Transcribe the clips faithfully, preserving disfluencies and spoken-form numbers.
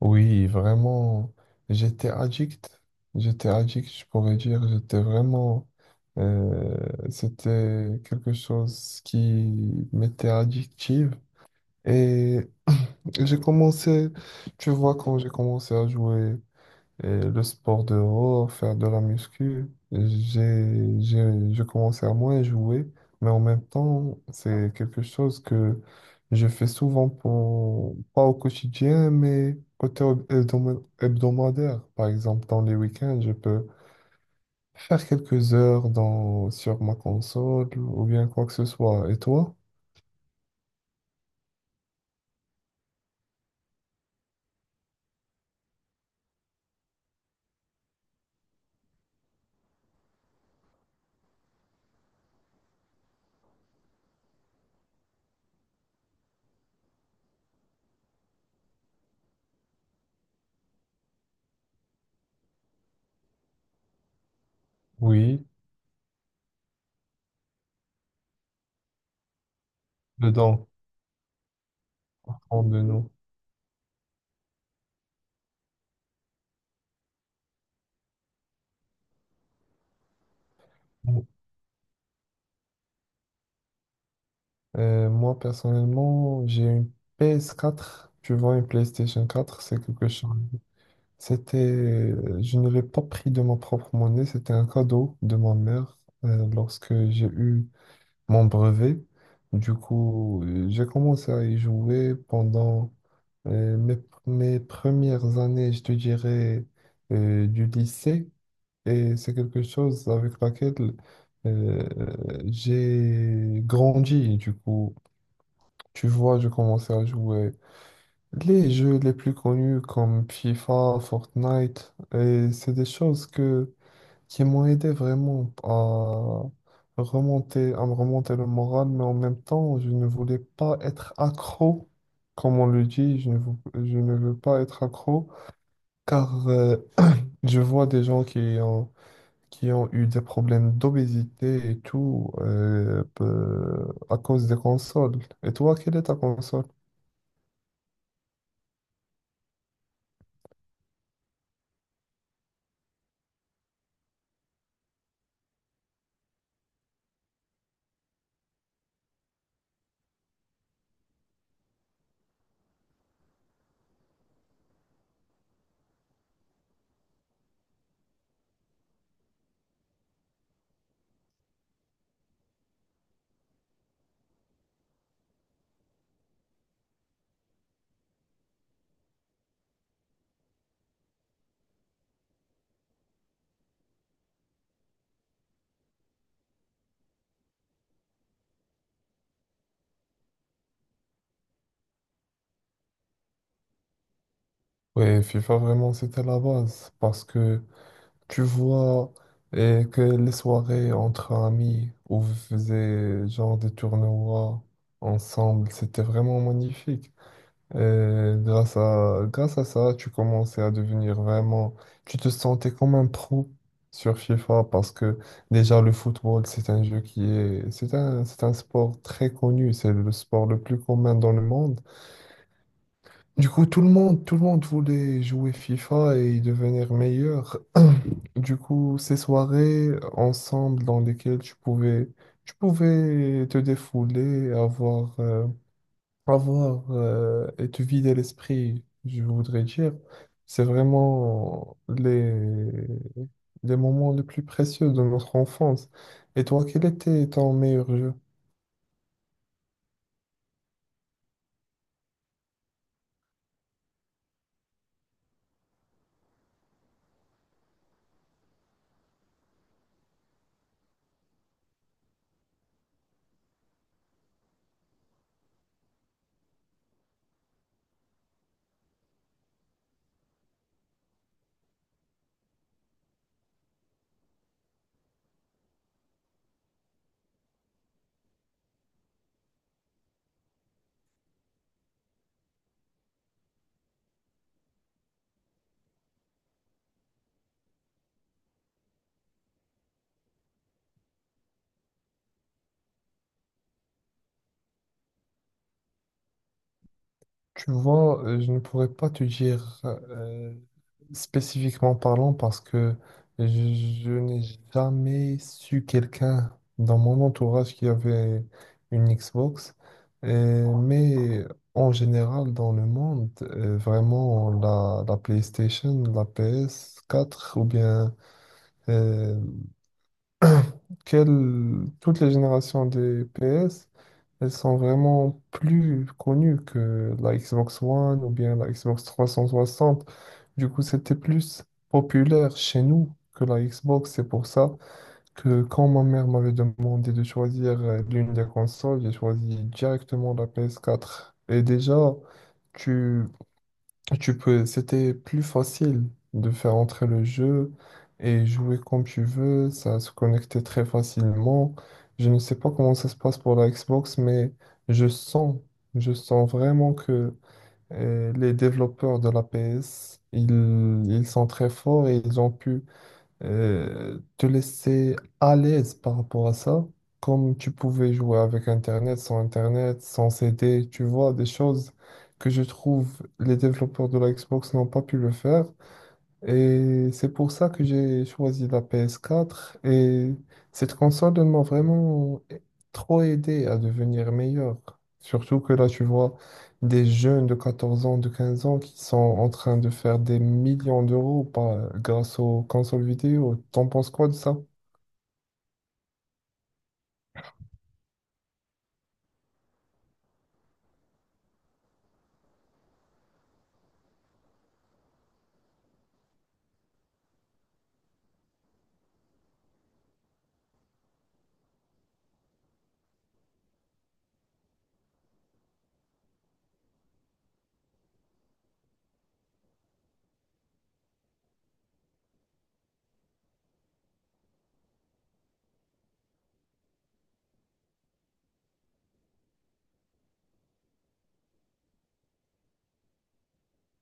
Oui, vraiment, j'étais addict. J'étais addict, je pourrais dire. J'étais vraiment... euh, c'était quelque chose qui m'était addictive. Et j'ai commencé, tu vois, quand j'ai commencé à jouer. Et le sport dehors, faire de la muscu, j'ai, j'ai, je commençais à moins jouer, mais en même temps, c'est quelque chose que je fais souvent pour, pas au quotidien, mais côté hab- hebdoma- hebdomadaire. Par exemple, dans les week-ends, je peux faire quelques heures dans, sur ma console ou bien quoi que ce soit. Et toi? Oui, dedans, prendre de nous. Euh, moi, personnellement, j'ai une P S quatre. Tu vois, une PlayStation quatre, c'est quelque chose. C'était, euh, je ne l'ai pas pris de ma propre monnaie, c'était un cadeau de ma mère euh, lorsque j'ai eu mon brevet. Du coup, euh, j'ai commencé à y jouer pendant euh, mes, mes premières années, je te dirais, euh, du lycée. Et c'est quelque chose avec laquelle euh, j'ai grandi. Du coup, tu vois, je commençais à jouer les jeux les plus connus comme FIFA, Fortnite, et c'est des choses que, qui m'ont aidé vraiment à remonter, à me remonter le moral, mais en même temps, je ne voulais pas être accro, comme on le dit, je ne, vou- je ne veux pas être accro, car euh, je vois des gens qui ont, qui ont eu des problèmes d'obésité et tout euh, peu- à cause des consoles. Et toi, quelle est ta console? Ouais, FIFA, vraiment, c'était la base. Parce que tu vois eh, que les soirées entre amis où vous faisiez genre des tournois ensemble, c'était vraiment magnifique. Et grâce à, grâce à ça, tu commençais à devenir vraiment... Tu te sentais comme un pro sur FIFA parce que déjà le football, c'est un jeu qui est... C'est un, c'est un sport très connu. C'est le sport le plus commun dans le monde. Du coup, tout le monde, tout le monde voulait jouer FIFA et y devenir meilleur. Du coup, ces soirées ensemble dans lesquelles tu pouvais, tu pouvais te défouler, avoir, euh, avoir euh, et te vider l'esprit, je voudrais dire, c'est vraiment les, les moments les plus précieux de notre enfance. Et toi, quel était ton meilleur jeu? Tu vois, euh, je ne pourrais pas te dire euh, spécifiquement parlant parce que je, je n'ai jamais su quelqu'un dans mon entourage qui avait une Xbox. Et- mais en général, dans le monde, euh, vraiment, la, la PlayStation, la P S quatre ou bien euh, quelle- toutes les générations des P S elles sont vraiment plus connues que la Xbox One ou bien la Xbox trois cent soixante. Du coup, c'était plus populaire chez nous que la Xbox. C'est pour ça que quand ma mère m'avait demandé de choisir euh, l'une des consoles, j'ai choisi directement la P S quatre. Et déjà, tu tu peux, c'était plus facile de faire entrer le jeu et jouer comme tu veux, ça se connectait très facilement. Je ne sais pas comment ça se passe pour la Xbox, mais je sens, je sens vraiment que euh, les développeurs de la P S, ils, ils sont très forts et ils ont pu euh, te laisser à l'aise par rapport à ça, comme tu pouvais jouer avec Internet, sans Internet, sans C D, tu vois, des choses que je trouve les développeurs de la Xbox n'ont pas pu le faire. Et c'est pour ça que j'ai choisi la P S quatre. Et cette console, elle m'a vraiment trop aidé à devenir meilleur. Surtout que là, tu vois des jeunes de 14 ans, de 15 ans qui sont en train de faire des millions d'euros par- grâce aux consoles vidéo. T'en penses quoi de ça?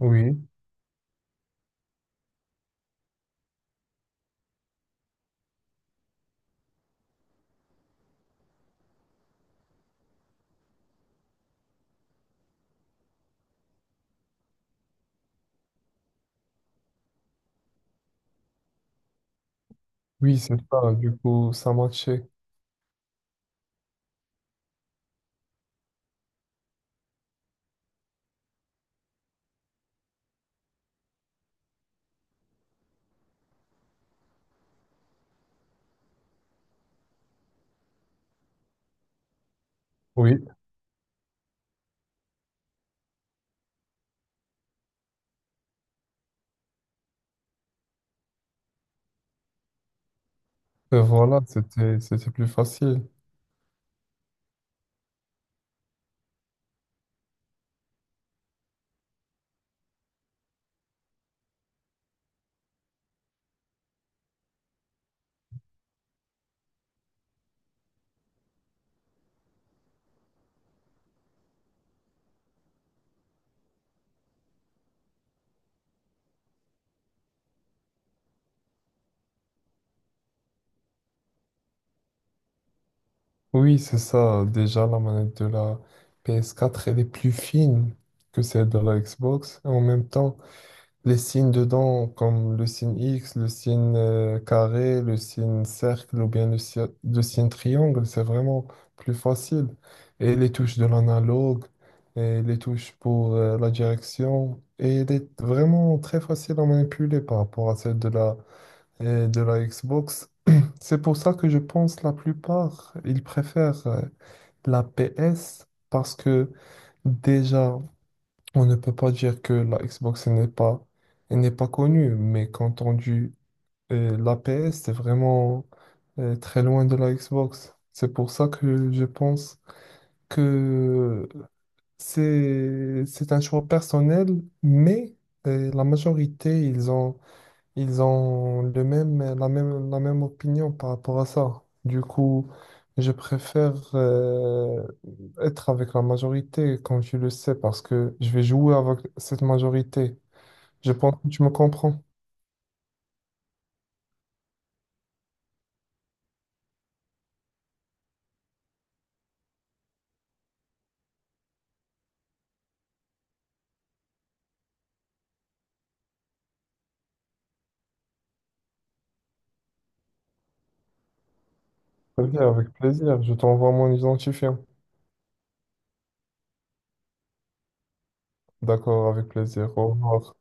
Oui, oui, c'est ça. Du coup, ça matchait. Oui, Euh, voilà, c'était, c'était plus facile. Oui, c'est ça. Déjà, la manette de la P S quatre, elle est plus fine que celle de la Xbox. Et en même temps, les signes dedans, comme le signe X, le signe euh, carré, le signe cercle ou bien le, si- le signe triangle, c'est vraiment plus facile. Et les touches de l'analogue, et les touches pour euh, la direction. Et elle est vraiment très facile à manipuler par rapport à celle de la, euh, de la Xbox. C'est pour ça que je pense la plupart, ils préfèrent. euh, la P S, parce que déjà, on ne peut pas dire que la Xbox elle n'est pas, elle n'est pas connue, mais quand on dit euh, la P S, c'est vraiment euh, très loin de la Xbox. C'est pour ça que je pense que c'est, c'est un choix personnel, mais euh, la majorité, ils ont ils ont le même, la même, la même opinion par rapport à ça. Du coup, je préfère euh, être avec la majorité, comme tu le sais, parce que je vais jouer avec cette majorité. Je pense que tu me comprends. Ok, avec plaisir. Je t'envoie mon identifiant. D'accord, avec plaisir. Au revoir.